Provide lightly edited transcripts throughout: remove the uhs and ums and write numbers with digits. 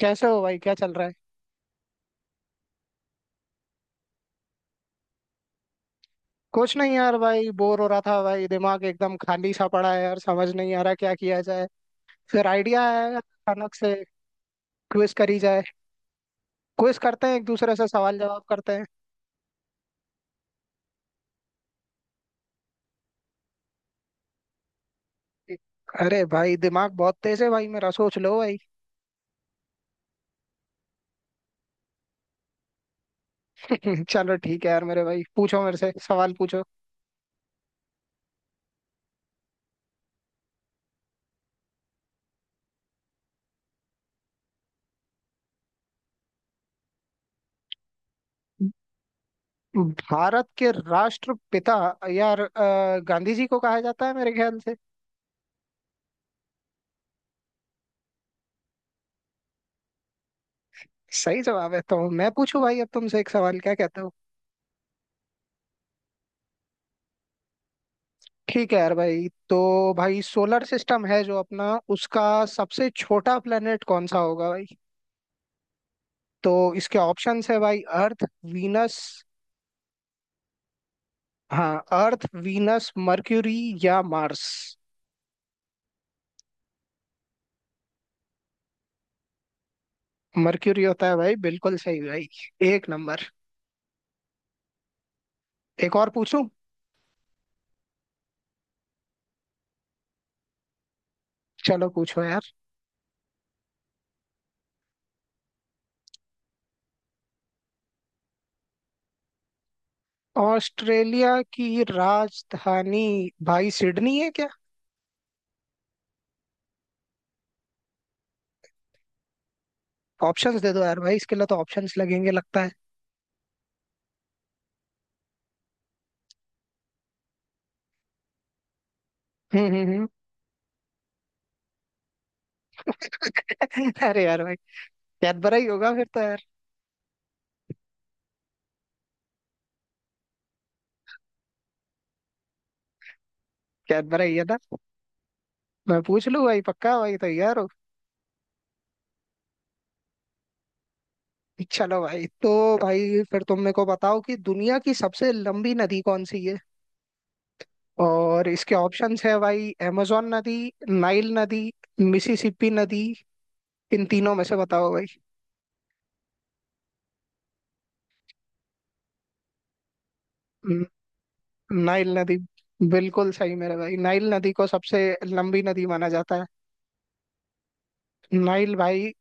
कैसे हो भाई, क्या चल रहा है। कुछ नहीं यार भाई, बोर हो रहा था भाई। दिमाग एकदम खाली सा पड़ा है यार, समझ नहीं आ रहा क्या किया जाए। फिर आइडिया आया यार अचानक से। क्विज करी जाए। क्विज करते हैं, एक दूसरे से सवाल जवाब करते हैं। अरे भाई, दिमाग बहुत तेज है भाई मेरा, सोच लो भाई। चलो ठीक है यार मेरे भाई, पूछो मेरे से सवाल पूछो। भारत के राष्ट्रपिता। यार गांधी जी को कहा जाता है मेरे ख्याल से। सही जवाब है। तो मैं पूछूं भाई अब तुमसे एक सवाल, क्या कहते हो। ठीक है यार भाई। तो भाई सोलर सिस्टम है जो अपना उसका सबसे छोटा प्लेनेट कौन सा होगा भाई। तो इसके ऑप्शंस है भाई, अर्थ, वीनस। हाँ, अर्थ, वीनस, मर्क्यूरी या मार्स। मर्क्यूरी होता है भाई, बिल्कुल सही भाई। एक नंबर। एक और पूछूं। चलो पूछो यार। ऑस्ट्रेलिया की राजधानी। भाई सिडनी है क्या। ऑप्शंस दे दो यार भाई, इसके लिए तो ऑप्शंस लगेंगे लगता है। हम्म, हम्म। हम्म। अरे यार भाई, कैडबरा ही होगा फिर तो। क्या भराइया था। मैं पूछ लूँ भाई, पक्का भाई तैयार हो। चलो भाई। तो भाई फिर तुम मेरे को बताओ कि दुनिया की सबसे लंबी नदी कौन सी है। और इसके ऑप्शंस है भाई, amazon नदी, नाइल नदी, मिसिसिपी नदी। इन तीनों में से बताओ भाई। न- नाइल नदी। बिल्कुल सही मेरे भाई, नाइल नदी को सबसे लंबी नदी माना जाता है। नाइल भाई।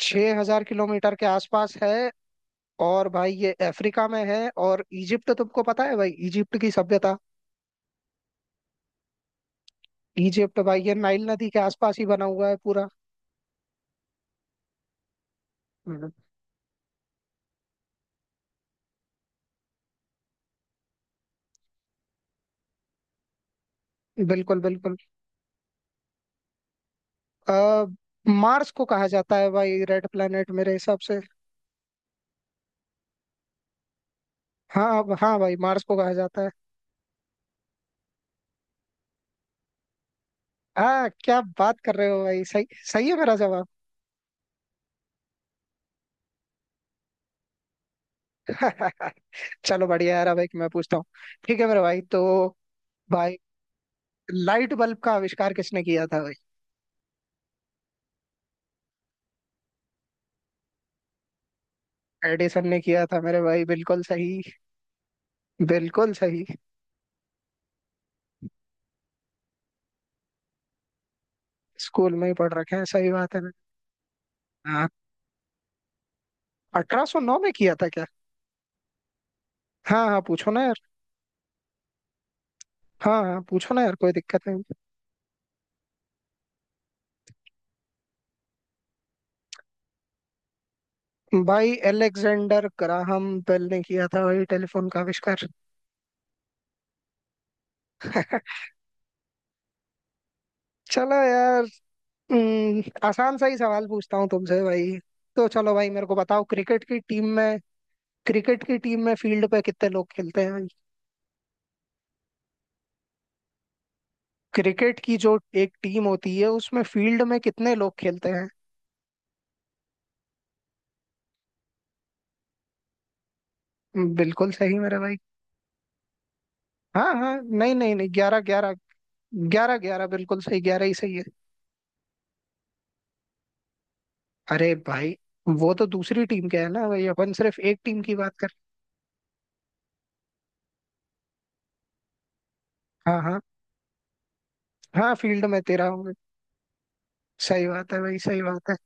6,000 किलोमीटर के आसपास है। और भाई ये अफ्रीका में है और इजिप्ट, तुमको पता है भाई इजिप्ट की सभ्यता। इजिप्ट भाई ये नाइल नदी के आसपास ही बना हुआ है पूरा। बिल्कुल, बिल्कुल। आ, मार्स को कहा जाता है भाई, रेड प्लेनेट मेरे हिसाब से। हाँ हाँ भाई, मार्स को कहा जाता है। हाँ, क्या बात कर रहे हो भाई, सही। सही है मेरा जवाब। चलो बढ़िया यार, अब एक मैं पूछता हूँ। ठीक है मेरे भाई। तो भाई लाइट बल्ब का आविष्कार किसने किया था भाई। एडिसन ने किया था मेरे भाई, बिल्कुल सही। बिल्कुल सही। स्कूल में ही पढ़ रखे हैं, सही बात है ना। हाँ, 1809 में किया था क्या। हाँ, हाँ, पूछो ना यार। हाँ, हाँ, पूछो ना यार, कोई दिक्कत नहीं। भाई एलेक्जेंडर ग्राहम बेल ने किया था भाई टेलीफोन का आविष्कार। चलो यार। हम्म, आसान सा ही सवाल पूछता हूँ तुमसे भाई। तो चलो भाई मेरे को बताओ, क्रिकेट की टीम में फील्ड पे कितने लोग खेलते हैं भाई। क्रिकेट की जो एक टीम होती है उसमें फील्ड में कितने लोग खेलते हैं। बिल्कुल सही मेरे भाई। हाँ, हाँ, नहीं, नहीं, नहीं, 11, 11। 11, 11 बिल्कुल सही, 11 ही सही है। अरे भाई, वो तो दूसरी टीम के है ना भाई, अपन सिर्फ एक टीम की बात। हाँ, हाँ, हाँ, फील्ड में तेरा हूँ। सही बात है भाई, सही बात है।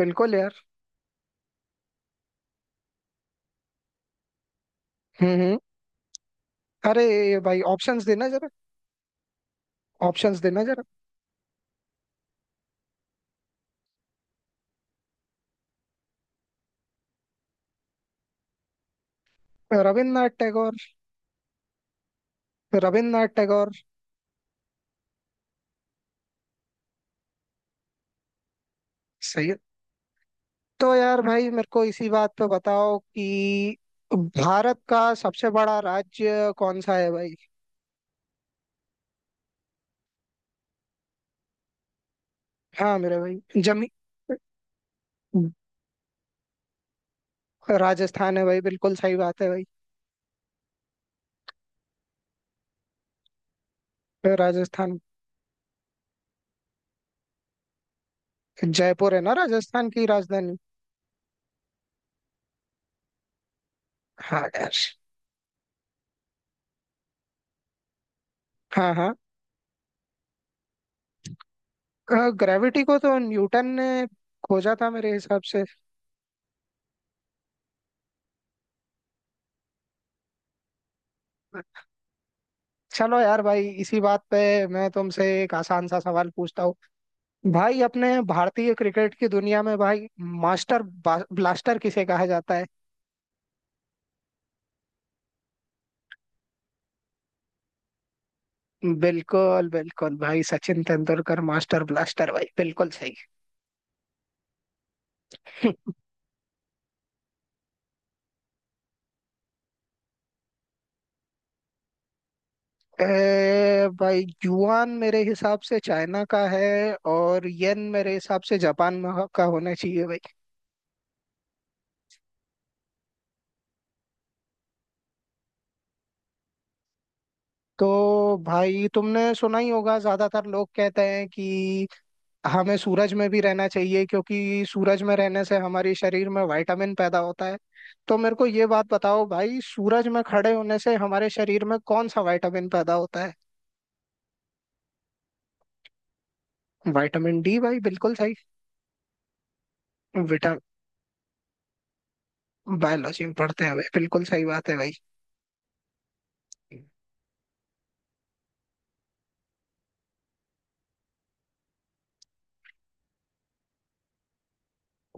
बिल्कुल यार। हम्म, हम्म। अरे भाई, ऑप्शंस देना जरा। ऑप्शंस देना जरा। रविन्द्रनाथ टैगोर। रविन्द्रनाथ टैगोर। सही है। तो यार भाई मेरे को इसी बात पे बताओ कि भारत का सबसे बड़ा राज्य कौन सा है भाई। हाँ मेरे भाई जमी। राजस्थान है भाई, बिल्कुल सही बात है भाई। राजस्थान। जयपुर है ना राजस्थान की राजधानी। हाँ यार। हाँ, हाँ। ग्रेविटी को तो न्यूटन ने खोजा था मेरे हिसाब से। चलो यार भाई, इसी बात पे मैं तुमसे एक आसान सा सवाल पूछता हूँ। भाई अपने भारतीय क्रिकेट की दुनिया में भाई, मास्टर ब्लास्टर किसे कहा जाता है। बिल्कुल, बिल्कुल भाई, सचिन तेंदुलकर मास्टर ब्लास्टर भाई, बिल्कुल सही। भाई युआन मेरे हिसाब से चाइना का है। और येन मेरे हिसाब से जापान में का होना चाहिए भाई। तो भाई तुमने सुना ही होगा, ज्यादातर लोग कहते हैं कि हमें सूरज में भी रहना चाहिए, क्योंकि सूरज में रहने से हमारे शरीर में विटामिन पैदा होता है। तो मेरे को ये बात बताओ भाई, सूरज में खड़े होने से हमारे शरीर में कौन सा विटामिन पैदा होता है। विटामिन डी भाई, बिल्कुल सही। विटा बायोलॉजी में पढ़ते हैं भाई, बिल्कुल सही बात है भाई।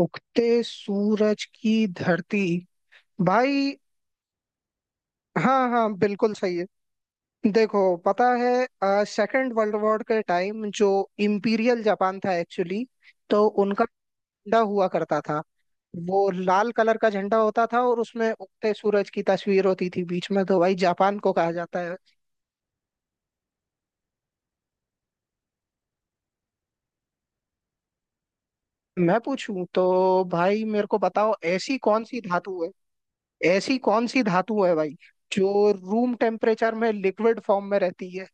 उगते सूरज की धरती। भाई। हाँ, हाँ, बिल्कुल सही है। देखो, पता है सेकंड वर्ल्ड वॉर के टाइम जो इम्पीरियल जापान था एक्चुअली, तो उनका झंडा हुआ करता था। वो लाल कलर का झंडा होता था और उसमें उगते सूरज की तस्वीर होती थी बीच में, तो भाई जापान को कहा जाता है। मैं पूछूं तो। भाई मेरे को बताओ ऐसी कौन सी धातु है। ऐसी कौन सी धातु है भाई जो रूम टेम्परेचर में लिक्विड फॉर्म में रहती है।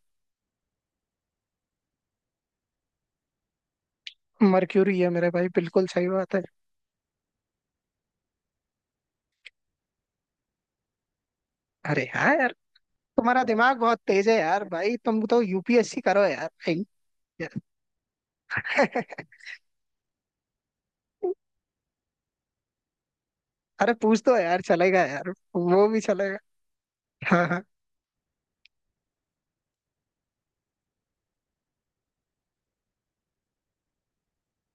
मर्क्यूरी है मेरे भाई, बिल्कुल सही बात है। अरे हाँ। तुम्हारा दिमाग बहुत तेज है यार भाई, तुम तो यूपीएससी करो यार भाई। अरे पूछ तो यार, चलेगा यार। वो भी चलेगा। हाँ, हाँ।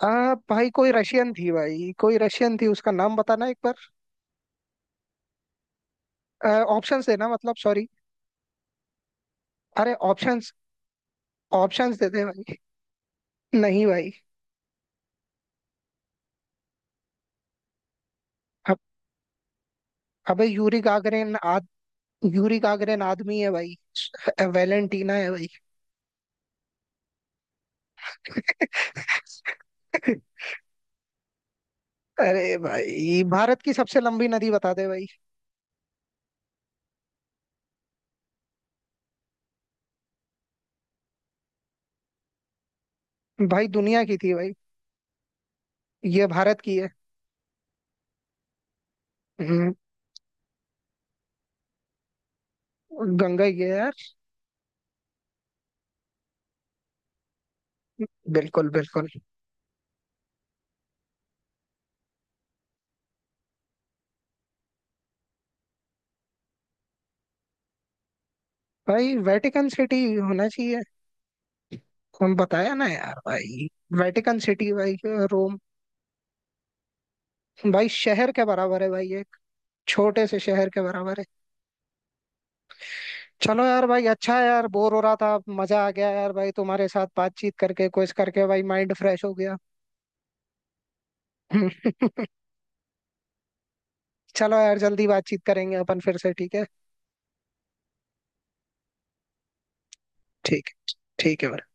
भाई कोई रशियन थी भाई, कोई रशियन थी, उसका नाम बताना एक बार। ऑप्शंस देना, मतलब, सॉरी। अरे ऑप्शंस। ऑप्शंस दे दे भाई। नहीं भाई। अब अबे यूरी गागरिन आदमी है भाई। वेलेंटीना है भाई। अरे भाई, भारत की सबसे लंबी नदी बता दे भाई। भाई दुनिया की थी भाई। ये भारत की है। हम्म, गंगा ही है यार। बिल्कुल, बिल्कुल। भाई वेटिकन सिटी होना चाहिए। हम बताया ना यार भाई। वेटिकन सिटी भाई। रोम। भाई शहर के बराबर है भाई, एक छोटे से शहर के बराबर है। चलो यार भाई, अच्छा है यार, बोर हो रहा था, मजा आ गया यार भाई तुम्हारे साथ बातचीत करके, कुछ करके भाई माइंड फ्रेश हो गया। चलो यार, जल्दी बातचीत करेंगे अपन फिर से, ठीक है। ठीक है। ठीक है भाई।